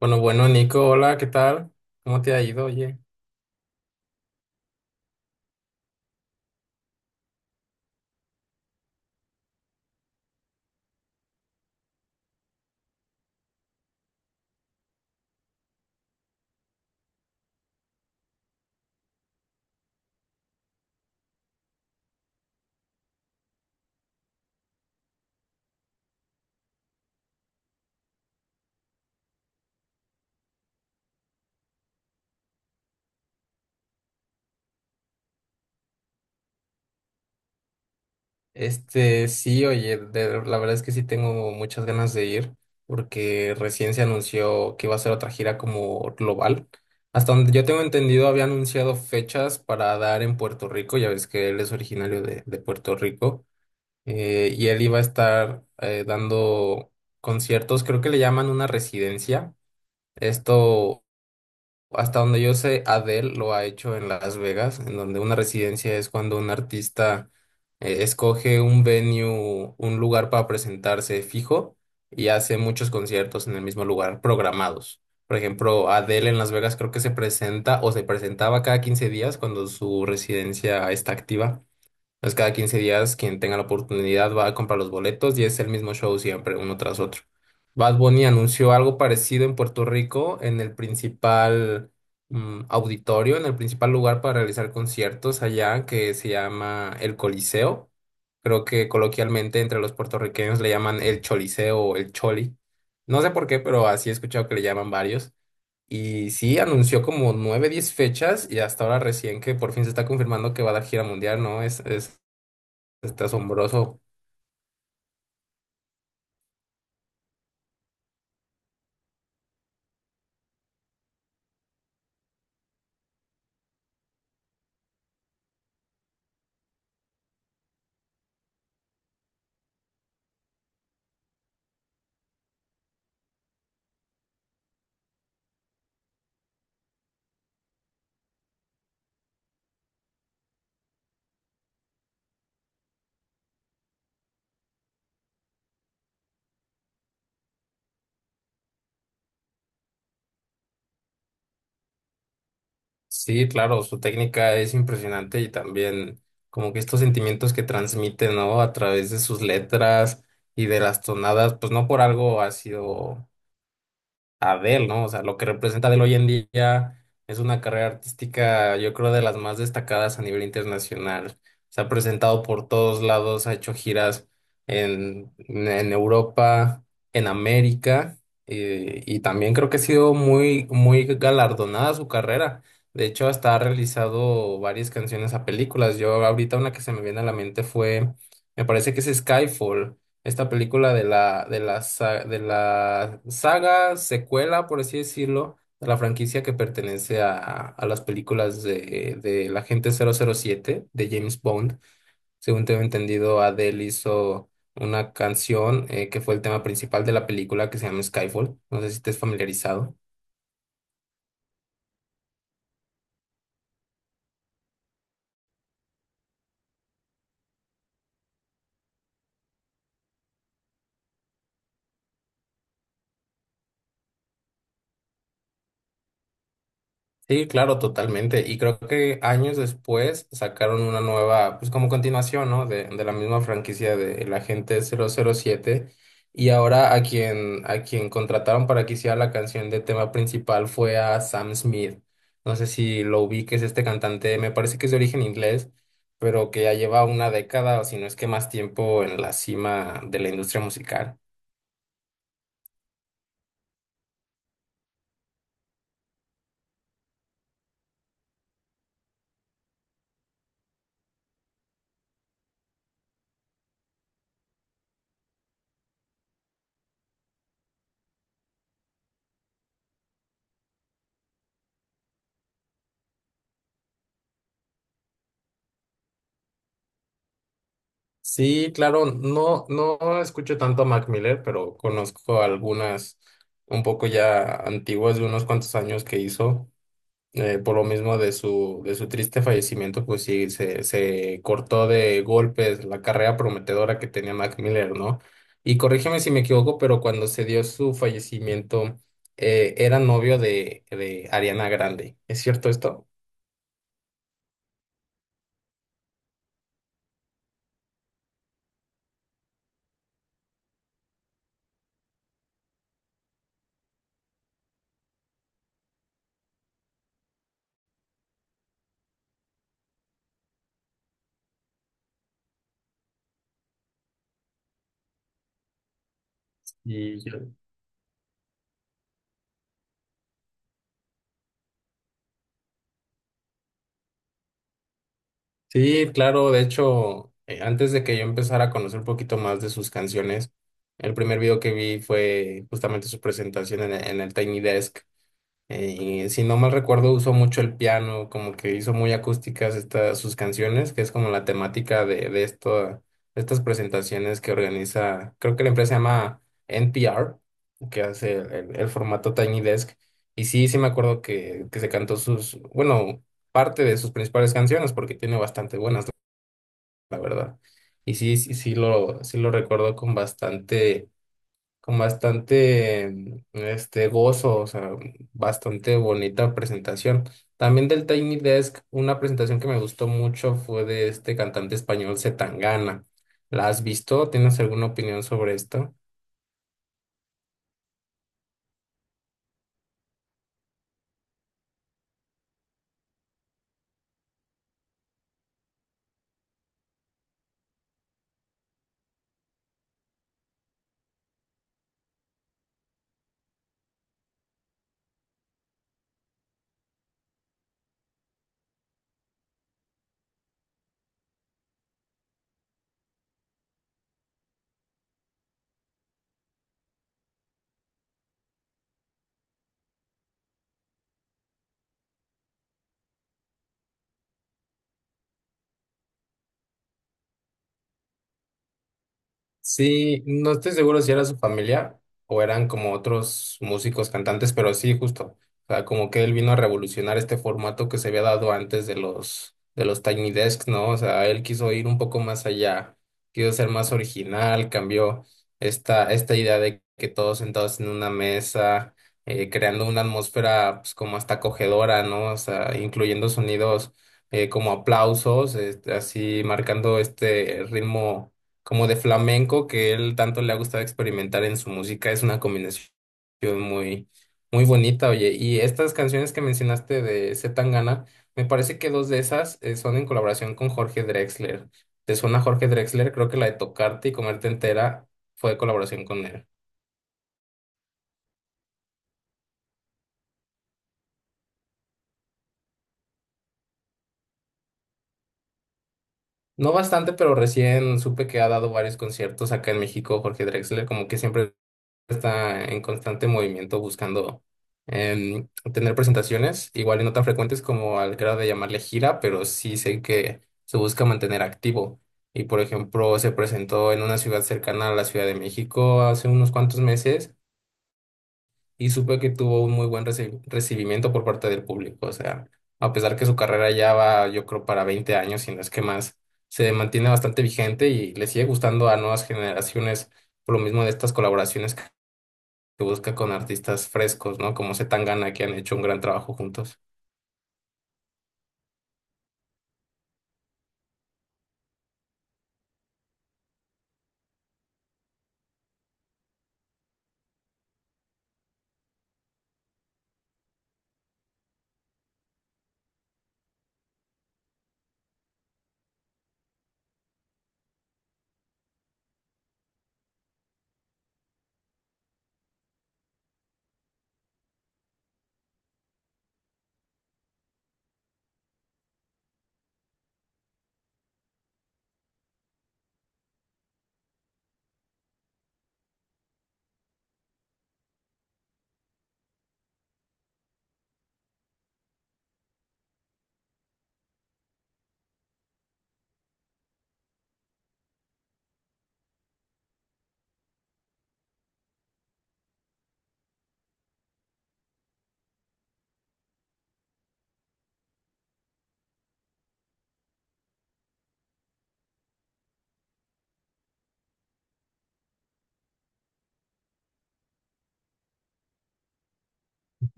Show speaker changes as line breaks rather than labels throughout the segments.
Bueno, bueno, Nico, hola, ¿qué tal? ¿Cómo te ha ido? Oye, este, sí, oye, la verdad es que sí tengo muchas ganas de ir porque recién se anunció que iba a ser otra gira como global. Hasta donde yo tengo entendido, había anunciado fechas para dar en Puerto Rico, ya ves que él es originario de Puerto Rico, y él iba a estar dando conciertos, creo que le llaman una residencia. Esto Hasta donde yo sé, Adele lo ha hecho en Las Vegas, en donde una residencia es cuando un artista escoge un venue, un lugar para presentarse fijo y hace muchos conciertos en el mismo lugar programados. Por ejemplo, Adele en Las Vegas creo que se presenta o se presentaba cada 15 días cuando su residencia está activa. Entonces, cada 15 días, quien tenga la oportunidad va a comprar los boletos y es el mismo show siempre, uno tras otro. Bad Bunny anunció algo parecido en Puerto Rico, en el principal, auditorio, en el principal lugar para realizar conciertos allá, que se llama el Coliseo. Creo que coloquialmente entre los puertorriqueños le llaman el Choliseo o el Choli. No sé por qué, pero así he escuchado que le llaman varios. Y sí, anunció como nueve, diez fechas y hasta ahora recién que por fin se está confirmando que va a dar gira mundial, ¿no? Es Está asombroso. Sí, claro, su técnica es impresionante y también como que estos sentimientos que transmite, ¿no? A través de sus letras y de las tonadas, pues no por algo ha sido Adele, ¿no? O sea, lo que representa Adele hoy en día es una carrera artística, yo creo, de las más destacadas a nivel internacional. Se ha presentado por todos lados, ha hecho giras en Europa, en América, y también creo que ha sido muy, muy galardonada su carrera. De hecho, hasta ha realizado varias canciones a películas. Yo ahorita una que se me viene a la mente fue, me parece que es Skyfall, esta película de de la saga, secuela, por así decirlo, de la franquicia que pertenece a las películas de el agente 007 de James Bond. Según tengo entendido, Adele hizo una canción que fue el tema principal de la película que se llama Skyfall. No sé si estés familiarizado. Sí, claro, totalmente. Y creo que años después sacaron una nueva, pues como continuación, ¿no? De la misma franquicia de El Agente 007. Y ahora a quien contrataron para que hiciera la canción de tema principal fue a Sam Smith. No sé si lo ubiques, este cantante, me parece que es de origen inglés, pero que ya lleva una década o si no es que más tiempo en la cima de la industria musical. Sí, claro, no, no escucho tanto a Mac Miller, pero conozco algunas un poco ya antiguas de unos cuantos años que hizo. Por lo mismo de su triste fallecimiento, pues sí, se cortó de golpes la carrera prometedora que tenía Mac Miller, ¿no? Y corrígeme si me equivoco, pero cuando se dio su fallecimiento, era novio de Ariana Grande. ¿Es cierto esto? Y Sí, claro, de hecho, antes de que yo empezara a conocer un poquito más de sus canciones, el primer video que vi fue justamente su presentación en el Tiny Desk. Y si no mal recuerdo, usó mucho el piano, como que hizo muy acústicas estas sus canciones, que es como la temática de estas presentaciones que organiza, creo que la empresa se llama NPR, que hace el formato Tiny Desk. Y sí, sí me acuerdo que se cantó sus, bueno, parte de sus principales canciones, porque tiene bastante buenas, la verdad. Y sí, sí, sí lo recuerdo con bastante, con bastante este, gozo, o sea, bastante bonita presentación. También del Tiny Desk, una presentación que me gustó mucho fue de este cantante español C. Tangana. ¿La has visto? ¿Tienes alguna opinión sobre esto? Sí, no estoy seguro si era su familia o eran como otros músicos cantantes, pero sí, justo. O sea, como que él vino a revolucionar este formato que se había dado antes de los Tiny Desks, ¿no? O sea, él quiso ir un poco más allá, quiso ser más original, cambió esta idea de que todos sentados en una mesa, creando una atmósfera pues, como hasta acogedora, ¿no? O sea, incluyendo sonidos como aplausos, este, así marcando este ritmo como de flamenco que él tanto le ha gustado experimentar en su música. Es una combinación muy, muy bonita, oye. Y estas canciones que mencionaste de C. Tangana, me parece que dos de esas son en colaboración con Jorge Drexler. ¿Te suena Jorge Drexler? Creo que la de Tocarte y Comerte Entera fue de colaboración con él. No bastante, pero recién supe que ha dado varios conciertos acá en México, Jorge Drexler, como que siempre está en constante movimiento buscando, em, tener presentaciones, igual y no tan frecuentes como al grado de llamarle gira, pero sí sé que se busca mantener activo. Y por ejemplo, se presentó en una ciudad cercana a la Ciudad de México hace unos cuantos meses y supe que tuvo un muy buen recibimiento por parte del público. O sea, a pesar que su carrera ya va, yo creo, para 20 años, si no es que más, se mantiene bastante vigente y le sigue gustando a nuevas generaciones por lo mismo de estas colaboraciones que busca con artistas frescos, ¿no? Como Zetangana, que han hecho un gran trabajo juntos.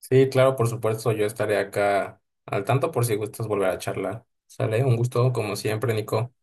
Sí, claro, por supuesto, yo estaré acá al tanto por si gustas volver a charlar. Sale, un gusto como siempre, Nico.